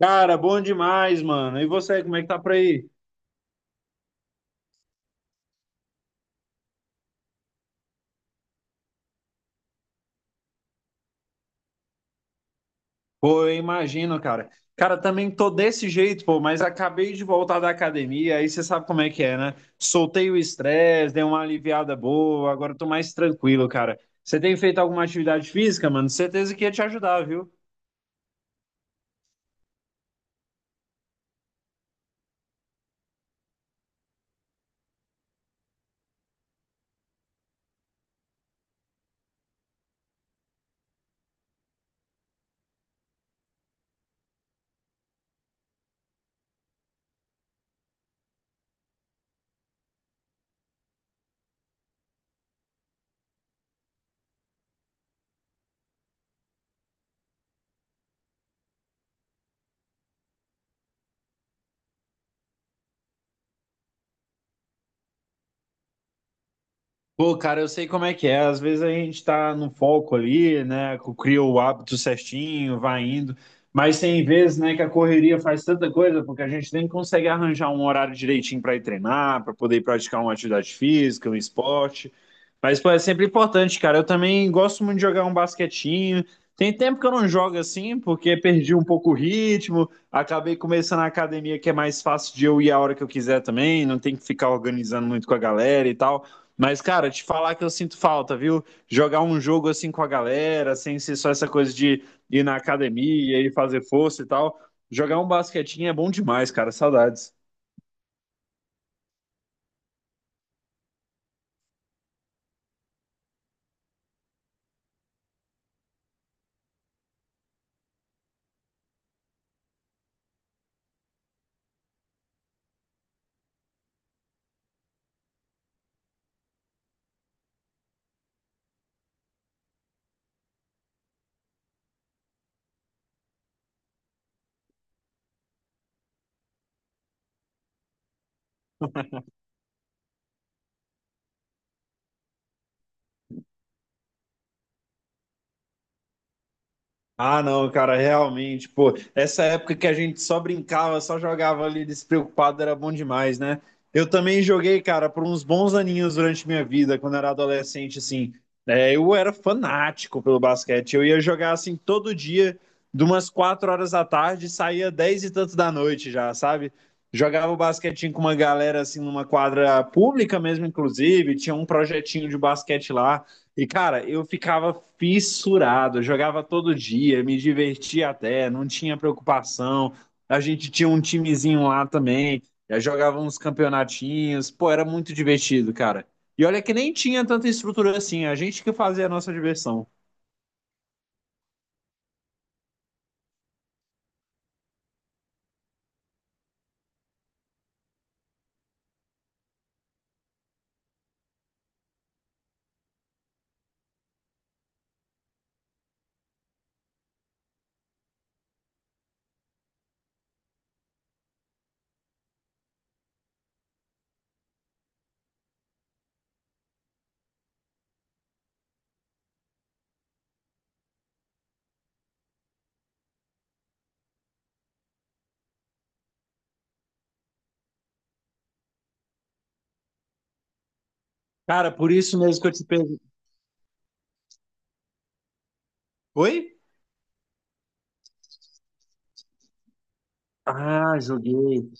Cara, bom demais, mano. E você, como é que tá por aí? Pô, eu imagino, cara. Cara, também tô desse jeito, pô, mas acabei de voltar da academia, aí você sabe como é que é, né? Soltei o estresse, dei uma aliviada boa, agora eu tô mais tranquilo, cara. Você tem feito alguma atividade física, mano? Certeza que ia te ajudar, viu? Pô, cara, eu sei como é que é. Às vezes a gente tá no foco ali, né? Cria o hábito certinho, vai indo. Mas tem vezes, né, que a correria faz tanta coisa, porque a gente nem consegue arranjar um horário direitinho para ir treinar, para poder praticar uma atividade física, um esporte. Mas, pô, é sempre importante, cara. Eu também gosto muito de jogar um basquetinho. Tem tempo que eu não jogo assim, porque perdi um pouco o ritmo. Acabei começando a academia, que é mais fácil de eu ir a hora que eu quiser também. Não tem que ficar organizando muito com a galera e tal. Mas, cara, te falar que eu sinto falta, viu? Jogar um jogo assim com a galera, sem ser só essa coisa de ir na academia e fazer força e tal. Jogar um basquetinho é bom demais, cara. Saudades. Ah, não, cara, realmente, pô, essa época que a gente só brincava, só jogava ali despreocupado, era bom demais, né? Eu também joguei, cara, por uns bons aninhos durante minha vida, quando era adolescente, assim. É, eu era fanático pelo basquete, eu ia jogar, assim, todo dia, de umas 4 horas da tarde, saía 10 e tanto da noite já, sabe? Jogava basquetinho com uma galera, assim, numa quadra pública mesmo, inclusive, tinha um projetinho de basquete lá. E, cara, eu ficava fissurado, eu jogava todo dia, me divertia até, não tinha preocupação. A gente tinha um timezinho lá também, já jogava uns campeonatinhos, pô, era muito divertido, cara. E olha que nem tinha tanta estrutura assim, a gente que fazia a nossa diversão. Cara, por isso mesmo que eu te perguntei. Oi? Ah, joguei.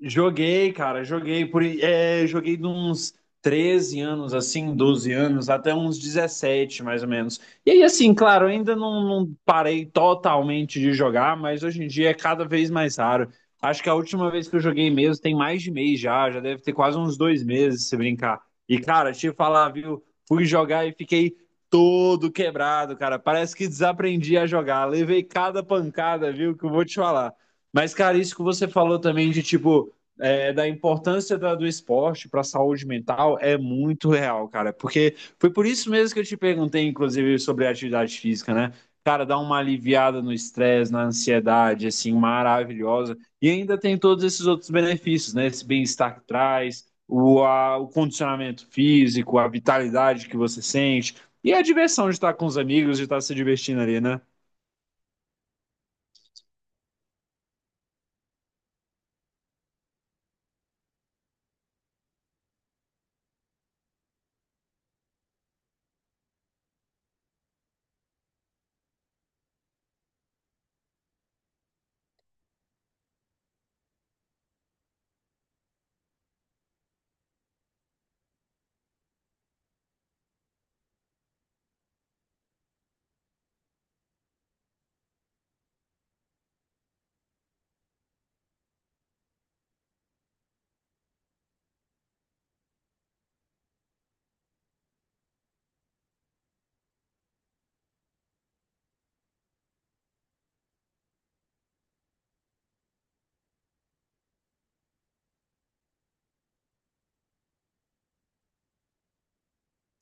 Joguei, cara, joguei por, joguei de uns 13 anos, assim, 12 anos, até uns 17 mais ou menos. E aí, assim, claro, ainda não parei totalmente de jogar, mas hoje em dia é cada vez mais raro. Acho que a última vez que eu joguei mesmo tem mais de mês já, já deve ter quase uns 2 meses, se brincar. E, cara, te falar, viu, fui jogar e fiquei todo quebrado, cara. Parece que desaprendi a jogar. Levei cada pancada, viu, que eu vou te falar. Mas, cara, isso que você falou também de tipo da importância do esporte para a saúde mental é muito real, cara. Porque foi por isso mesmo que eu te perguntei, inclusive, sobre a atividade física, né? Cara, dá uma aliviada no estresse, na ansiedade, assim, maravilhosa. E ainda tem todos esses outros benefícios, né? Esse bem-estar que traz, o, o condicionamento físico, a vitalidade que você sente e a diversão de estar com os amigos, de estar se divertindo ali, né?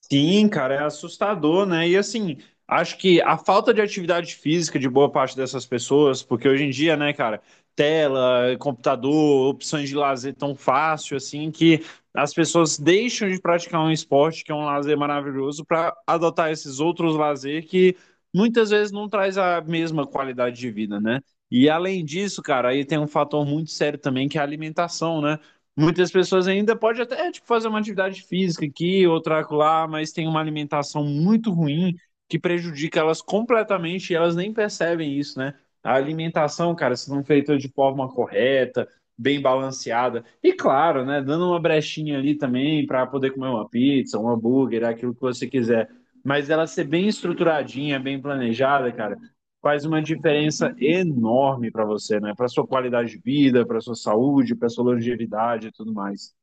Sim, cara, é assustador, né? E assim, acho que a falta de atividade física de boa parte dessas pessoas, porque hoje em dia, né, cara, tela, computador, opções de lazer tão fácil assim que as pessoas deixam de praticar um esporte que é um lazer maravilhoso para adotar esses outros lazer que muitas vezes não traz a mesma qualidade de vida, né? E além disso, cara, aí tem um fator muito sério também que é a alimentação, né? Muitas pessoas ainda pode até tipo, fazer uma atividade física aqui, outra lá, mas tem uma alimentação muito ruim que prejudica elas completamente e elas nem percebem isso, né? A alimentação, cara, se não feita de forma correta, bem balanceada, e claro, né, dando uma brechinha ali também para poder comer uma pizza, um hambúrguer, aquilo que você quiser, mas ela ser bem estruturadinha, bem planejada, cara faz uma diferença enorme para você, né? Para sua qualidade de vida, para sua saúde, para sua longevidade e tudo mais.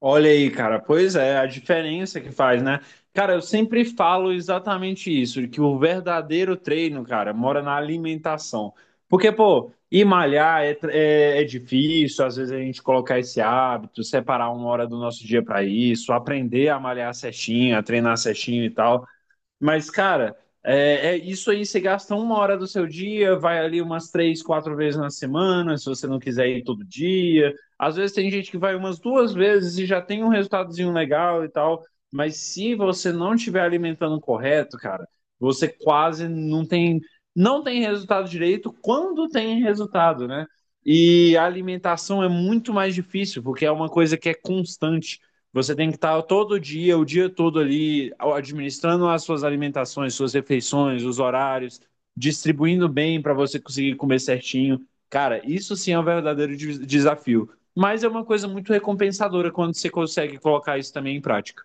Olha aí, cara, pois é, a diferença que faz, né? Cara, eu sempre falo exatamente isso, que o verdadeiro treino, cara, mora na alimentação. Porque, pô, ir malhar é difícil, às vezes a gente colocar esse hábito, separar uma hora do nosso dia para isso, aprender a malhar certinho, a treinar certinho e tal. Mas, cara, é isso aí. Você gasta uma hora do seu dia, vai ali umas 3, 4 vezes na semana, se você não quiser ir todo dia. Às vezes tem gente que vai umas 2 vezes e já tem um resultadozinho legal e tal. Mas se você não estiver alimentando correto, cara, você quase não tem resultado direito quando tem resultado, né? E a alimentação é muito mais difícil, porque é uma coisa que é constante. Você tem que estar todo dia, o dia todo ali, administrando as suas alimentações, suas refeições, os horários, distribuindo bem para você conseguir comer certinho. Cara, isso sim é um verdadeiro desafio. Mas é uma coisa muito recompensadora quando você consegue colocar isso também em prática.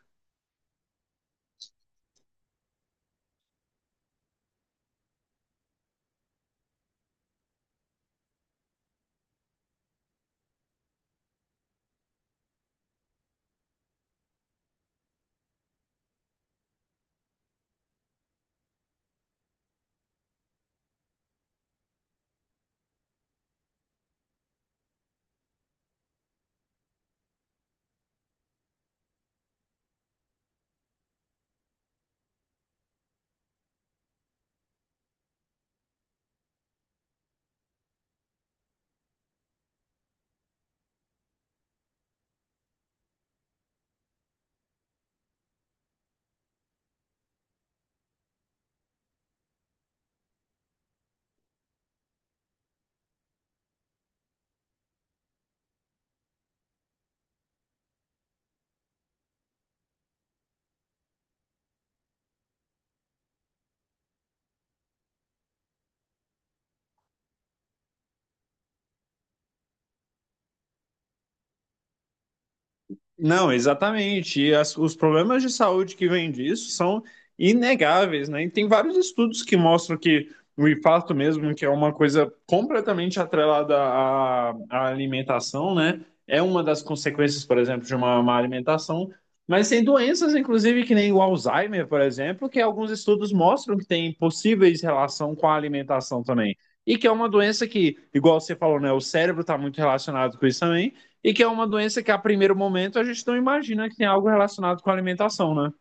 Não, exatamente. E os problemas de saúde que vêm disso são inegáveis, né? E tem vários estudos que mostram que o infarto mesmo, que é uma coisa completamente atrelada à alimentação, né? É uma das consequências, por exemplo, de uma má alimentação. Mas tem doenças, inclusive, que nem o Alzheimer, por exemplo, que alguns estudos mostram que tem possíveis relação com a alimentação também. E que é uma doença que, igual você falou, né? O cérebro está muito relacionado com isso também e que é uma doença que a primeiro momento a gente não imagina que tem algo relacionado com alimentação, né?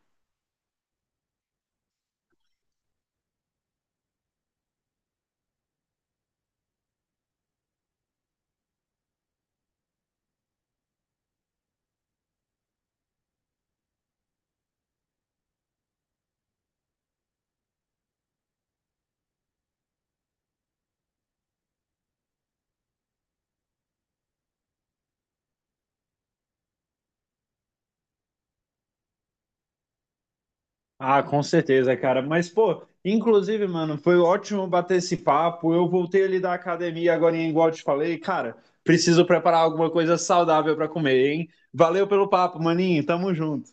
Ah, com certeza, cara. Mas, pô, inclusive, mano, foi ótimo bater esse papo. Eu voltei ali da academia agora, igual eu te falei, cara, preciso preparar alguma coisa saudável para comer, hein? Valeu pelo papo, maninho. Tamo junto.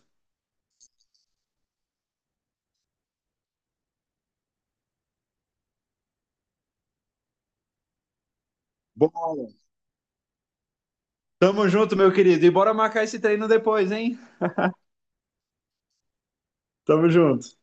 Bora. Tamo junto, meu querido. E bora marcar esse treino depois, hein? Tamo junto.